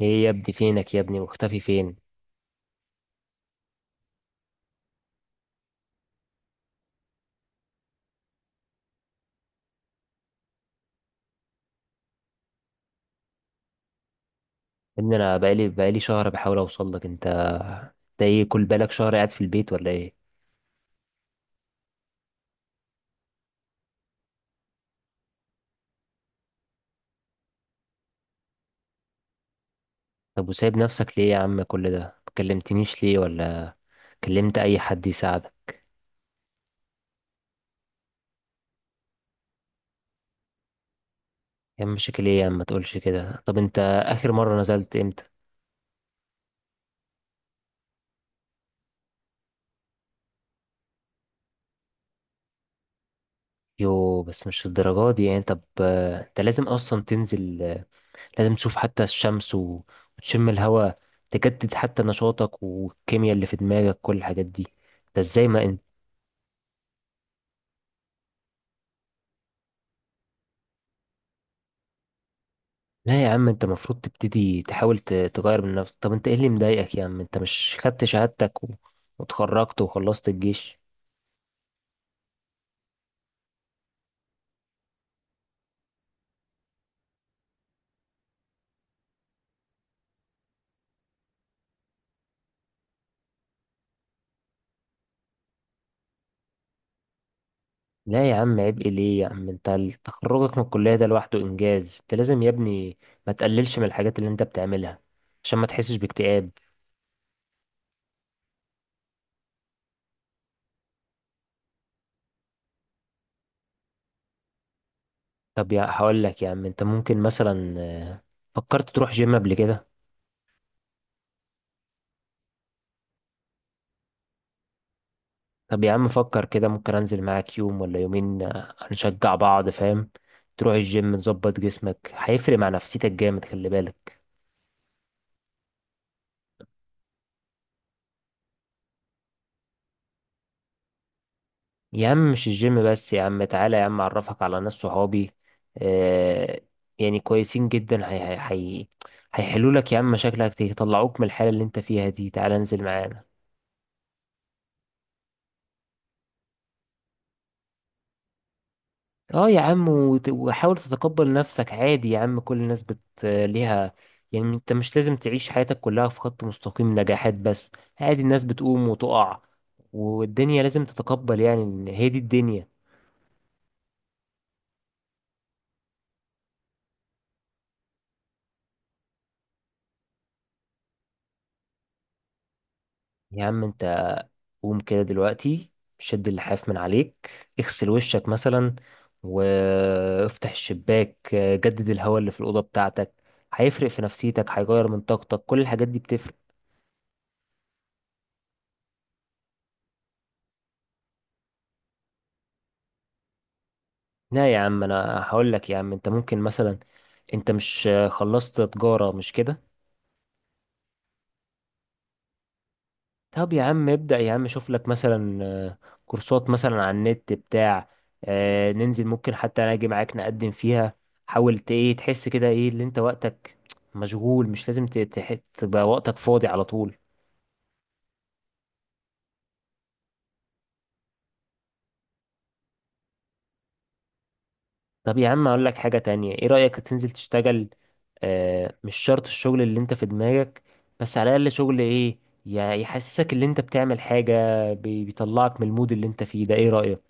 ايه يا ابني، فينك يا ابني؟ مختفي فين يا ابني؟ انا بقالي شهر بحاول اوصل لك. انت ده ايه؟ كل بالك شهر قاعد في البيت ولا ايه؟ طب وسايب نفسك ليه يا عم؟ كل ده ما كلمتنيش ليه، ولا كلمت اي حد يساعدك؟ يا عم، مشاكل ايه يا عم؟ ما تقولش كده. طب انت اخر مرة نزلت امتى؟ يو، بس مش الدرجات دي يعني. طب انت لازم اصلا تنزل. لازم تشوف حتى الشمس وتشم الهواء، تجدد حتى نشاطك والكيمياء اللي في دماغك، كل الحاجات دي. ده ازاي؟ ما لا يا عم، انت المفروض تبتدي تحاول تغير من نفسك. طب انت ايه اللي مضايقك يا عم؟ انت مش خدت شهادتك وتخرجت وخلصت الجيش؟ لا يا عم، عيب ايه؟ ليه يا عم؟ انت تخرجك من الكلية ده لوحده انجاز. انت لازم يا ابني ما تقللش من الحاجات اللي انت بتعملها، عشان ما تحسش باكتئاب. طب يا هقول لك يا عم، انت ممكن مثلا، فكرت تروح جيم قبل كده؟ طب يا عم فكر كده، ممكن انزل معاك يوم ولا يومين، هنشجع بعض، فاهم؟ تروح الجيم تظبط جسمك، هيفرق مع نفسيتك جامد، خلي بالك. يا عم مش الجيم بس، يا عم تعالى يا عم اعرفك على ناس صحابي، آه، يعني كويسين جدا، هي هيحلوا لك يا عم مشاكلك، يطلعوك من الحالة اللي انت فيها دي. تعالى انزل معانا. اه يا عم، وحاول تتقبل نفسك عادي يا عم. كل الناس بت ليها. يعني انت مش لازم تعيش حياتك كلها في خط مستقيم نجاحات بس. عادي، الناس بتقوم وتقع، والدنيا لازم تتقبل يعني ان هي دي الدنيا. يا عم انت قوم كده دلوقتي، شد اللحاف من عليك، اغسل وشك مثلا، وافتح الشباك، جدد الهواء اللي في الأوضة بتاعتك. هيفرق في نفسيتك، هيغير من طاقتك، كل الحاجات دي بتفرق. لا يا عم انا هقول لك يا عم. انت ممكن مثلا، انت مش خلصت تجارة، مش كده؟ طب يا عم ابدأ يا عم، شوف لك مثلا كورسات مثلا على النت بتاع، ننزل ممكن حتى انا اجي معاك نقدم فيها. حاول ايه تحس كده ايه اللي انت وقتك مشغول، مش لازم تبقى وقتك فاضي على طول. طب يا عم اقول لك حاجة تانية، ايه رأيك تنزل تشتغل؟ مش شرط الشغل اللي انت في دماغك، بس على الاقل شغل ايه يحسسك ان انت بتعمل حاجة، بيطلعك من المود اللي انت فيه ده، ايه رأيك؟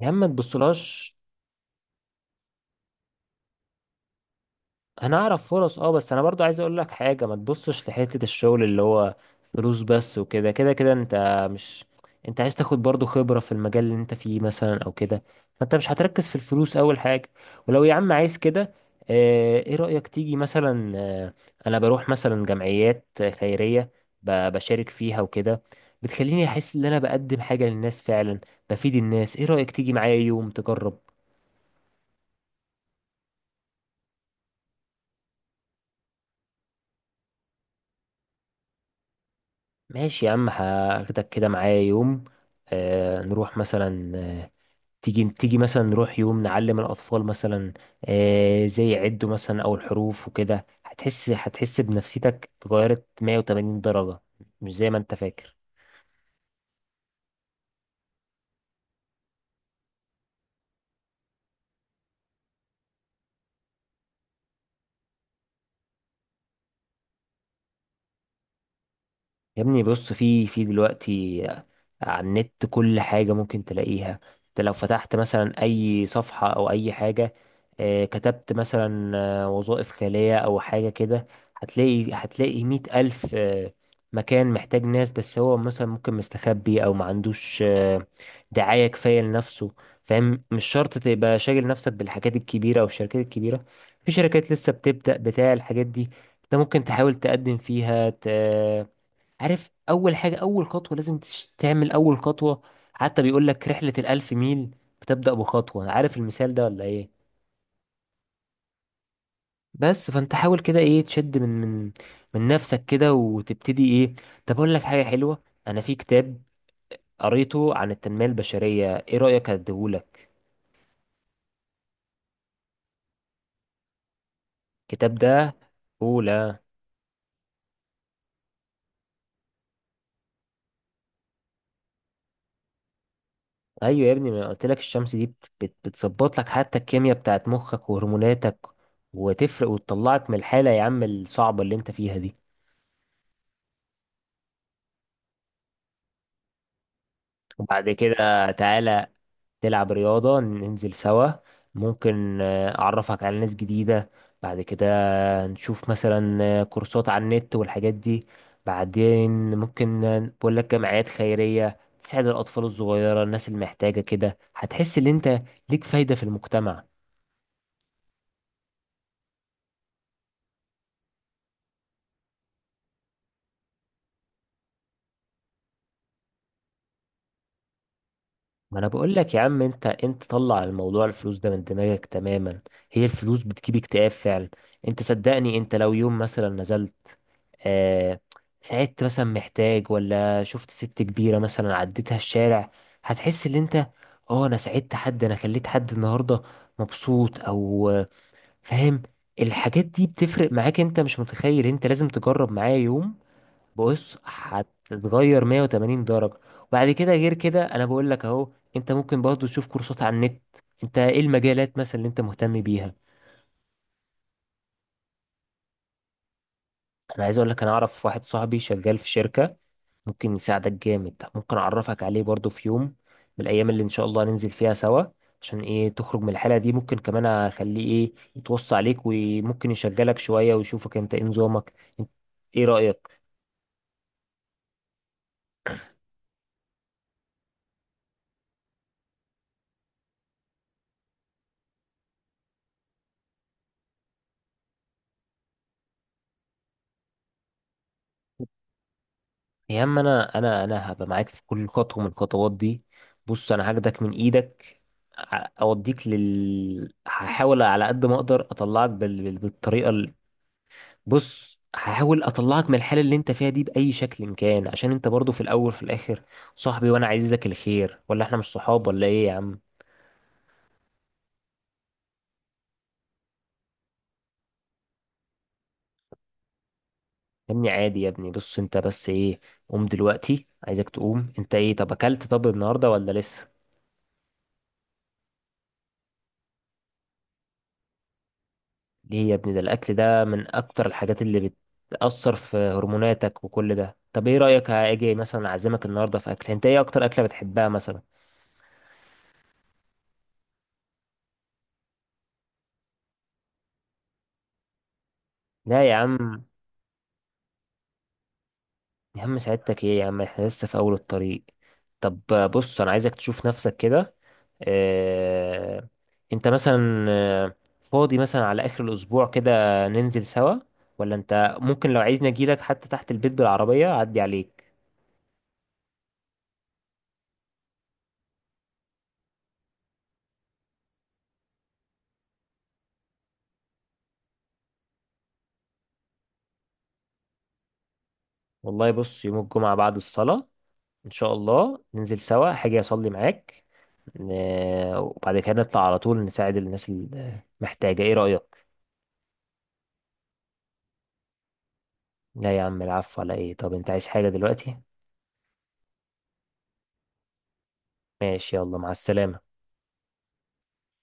يا عم ما تبصلهاش. انا اعرف فرص، اه، بس انا برضو عايز اقول لك حاجه، ما تبصش لحته الشغل اللي هو فلوس بس وكده كده كده انت مش، انت عايز تاخد برضو خبره في المجال اللي انت فيه مثلا او كده. فانت مش هتركز في الفلوس اول حاجه. ولو يا عم عايز كده، ايه رايك تيجي مثلا، انا بروح مثلا جمعيات خيريه، بشارك فيها وكده، بتخليني احس ان انا بقدم حاجه للناس فعلا، بفيد الناس. ايه رايك تيجي معايا يوم تجرب؟ ماشي يا عم، هاخدك كده معايا يوم، آه نروح مثلا، آه تيجي مثلا نروح يوم نعلم الأطفال مثلا، آه زي يعدوا مثلا أو الحروف وكده. هتحس بنفسيتك اتغيرت 180 درجة، مش زي ما انت فاكر. يا ابني بص، في دلوقتي على النت كل حاجة ممكن تلاقيها. انت لو فتحت مثلا اي صفحة او اي حاجة، كتبت مثلا وظائف خالية او حاجة كده، هتلاقي مية الف مكان محتاج ناس. بس هو مثلا ممكن مستخبي او ما عندوش دعاية كفاية لنفسه، فاهم. مش شرط تبقى شاغل نفسك بالحاجات الكبيرة او الشركات الكبيرة. في شركات لسه بتبدأ بتاع الحاجات دي، انت ممكن تحاول تقدم فيها عارف اول حاجه، اول خطوه لازم تعمل اول خطوه. حتى بيقول لك رحله الالف ميل بتبدا بخطوه، عارف المثال ده ولا ايه؟ بس فانت حاول كده ايه، تشد من من نفسك كده وتبتدي ايه. طب اقول لك حاجه حلوه، انا في كتاب قريته عن التنميه البشريه، ايه رايك اديهولك الكتاب ده؟ اولى. ايوه يا ابني، ما قلت لك الشمس دي بتظبط لك حتى الكيمياء بتاعت مخك وهرموناتك، وتفرق وتطلعك من الحاله يا عم الصعبه اللي انت فيها دي. وبعد كده تعالى تلعب رياضة، ننزل سوا. ممكن أعرفك على ناس جديدة. بعد كده نشوف مثلا كورسات على النت والحاجات دي. بعدين ممكن بقول لك جمعيات خيرية تساعد الأطفال الصغيرة، الناس المحتاجة كده. هتحس إن أنت ليك فايدة في المجتمع. ما أنا بقول لك يا عم، أنت طلع الموضوع الفلوس ده من دماغك تماما. هي الفلوس بتجيب اكتئاب فعلا. أنت صدقني، أنت لو يوم مثلا نزلت، آه، ساعدت مثلا محتاج، ولا شفت ست كبيرة مثلا عديتها الشارع، هتحس ان انت، اه انا ساعدت حد، انا خليت حد النهاردة مبسوط، او فاهم. الحاجات دي بتفرق معاك، انت مش متخيل. انت لازم تجرب معايا يوم، بص هتتغير 180 درجة. وبعد كده غير كده، انا بقول لك اهو انت ممكن برضه تشوف كورسات على النت. انت ايه المجالات مثلا اللي انت مهتم بيها؟ انا عايز اقول لك، انا اعرف واحد صاحبي شغال في شركة، ممكن يساعدك جامد. ممكن اعرفك عليه برضو في يوم من الايام اللي ان شاء الله ننزل فيها سوا، عشان ايه تخرج من الحالة دي. ممكن كمان اخليه ايه يتوصى عليك، وممكن يشغلك شوية ويشوفك انت ايه نظامك، انت ايه رأيك؟ يا عم انا هبقى معاك في كل خطوة من الخطوات دي. بص انا هاخدك من ايدك، اوديك هحاول على قد ما اقدر اطلعك بالطريقة. بص هحاول اطلعك من الحالة اللي انت فيها دي بأي شكل كان، عشان انت برضو في الاول في الاخر صاحبي، وانا عايز لك الخير، ولا احنا مش صحاب ولا ايه يا عم؟ يا ابني عادي يا ابني، بص انت بس ايه، قوم دلوقتي، عايزك تقوم انت، ايه طب اكلت طب النهاردة ولا لسه؟ ليه يا ابني؟ ده الاكل ده من اكتر الحاجات اللي بتأثر في هرموناتك وكل ده. طب ايه رأيك اجي مثلا اعزمك النهاردة في اكل؟ انت ايه اكتر اكلة بتحبها مثلا؟ لا يا عم، يا عم سعادتك ايه يا عم، احنا لسه في اول الطريق. طب بص انا عايزك تشوف نفسك كده. اه انت مثلا فاضي مثلا على اخر الاسبوع كده، ننزل سوا. ولا انت ممكن لو عايزني اجيلك حتى تحت البيت بالعربية اعدي عليك. والله بص يوم الجمعة بعد الصلاة ان شاء الله ننزل سوا، حاجة اصلي معاك، وبعد كده نطلع على طول نساعد الناس المحتاجة، ايه رأيك؟ لا يا عم، العفو على ايه؟ طب انت عايز حاجة دلوقتي؟ ماشي، يلا مع السلامة.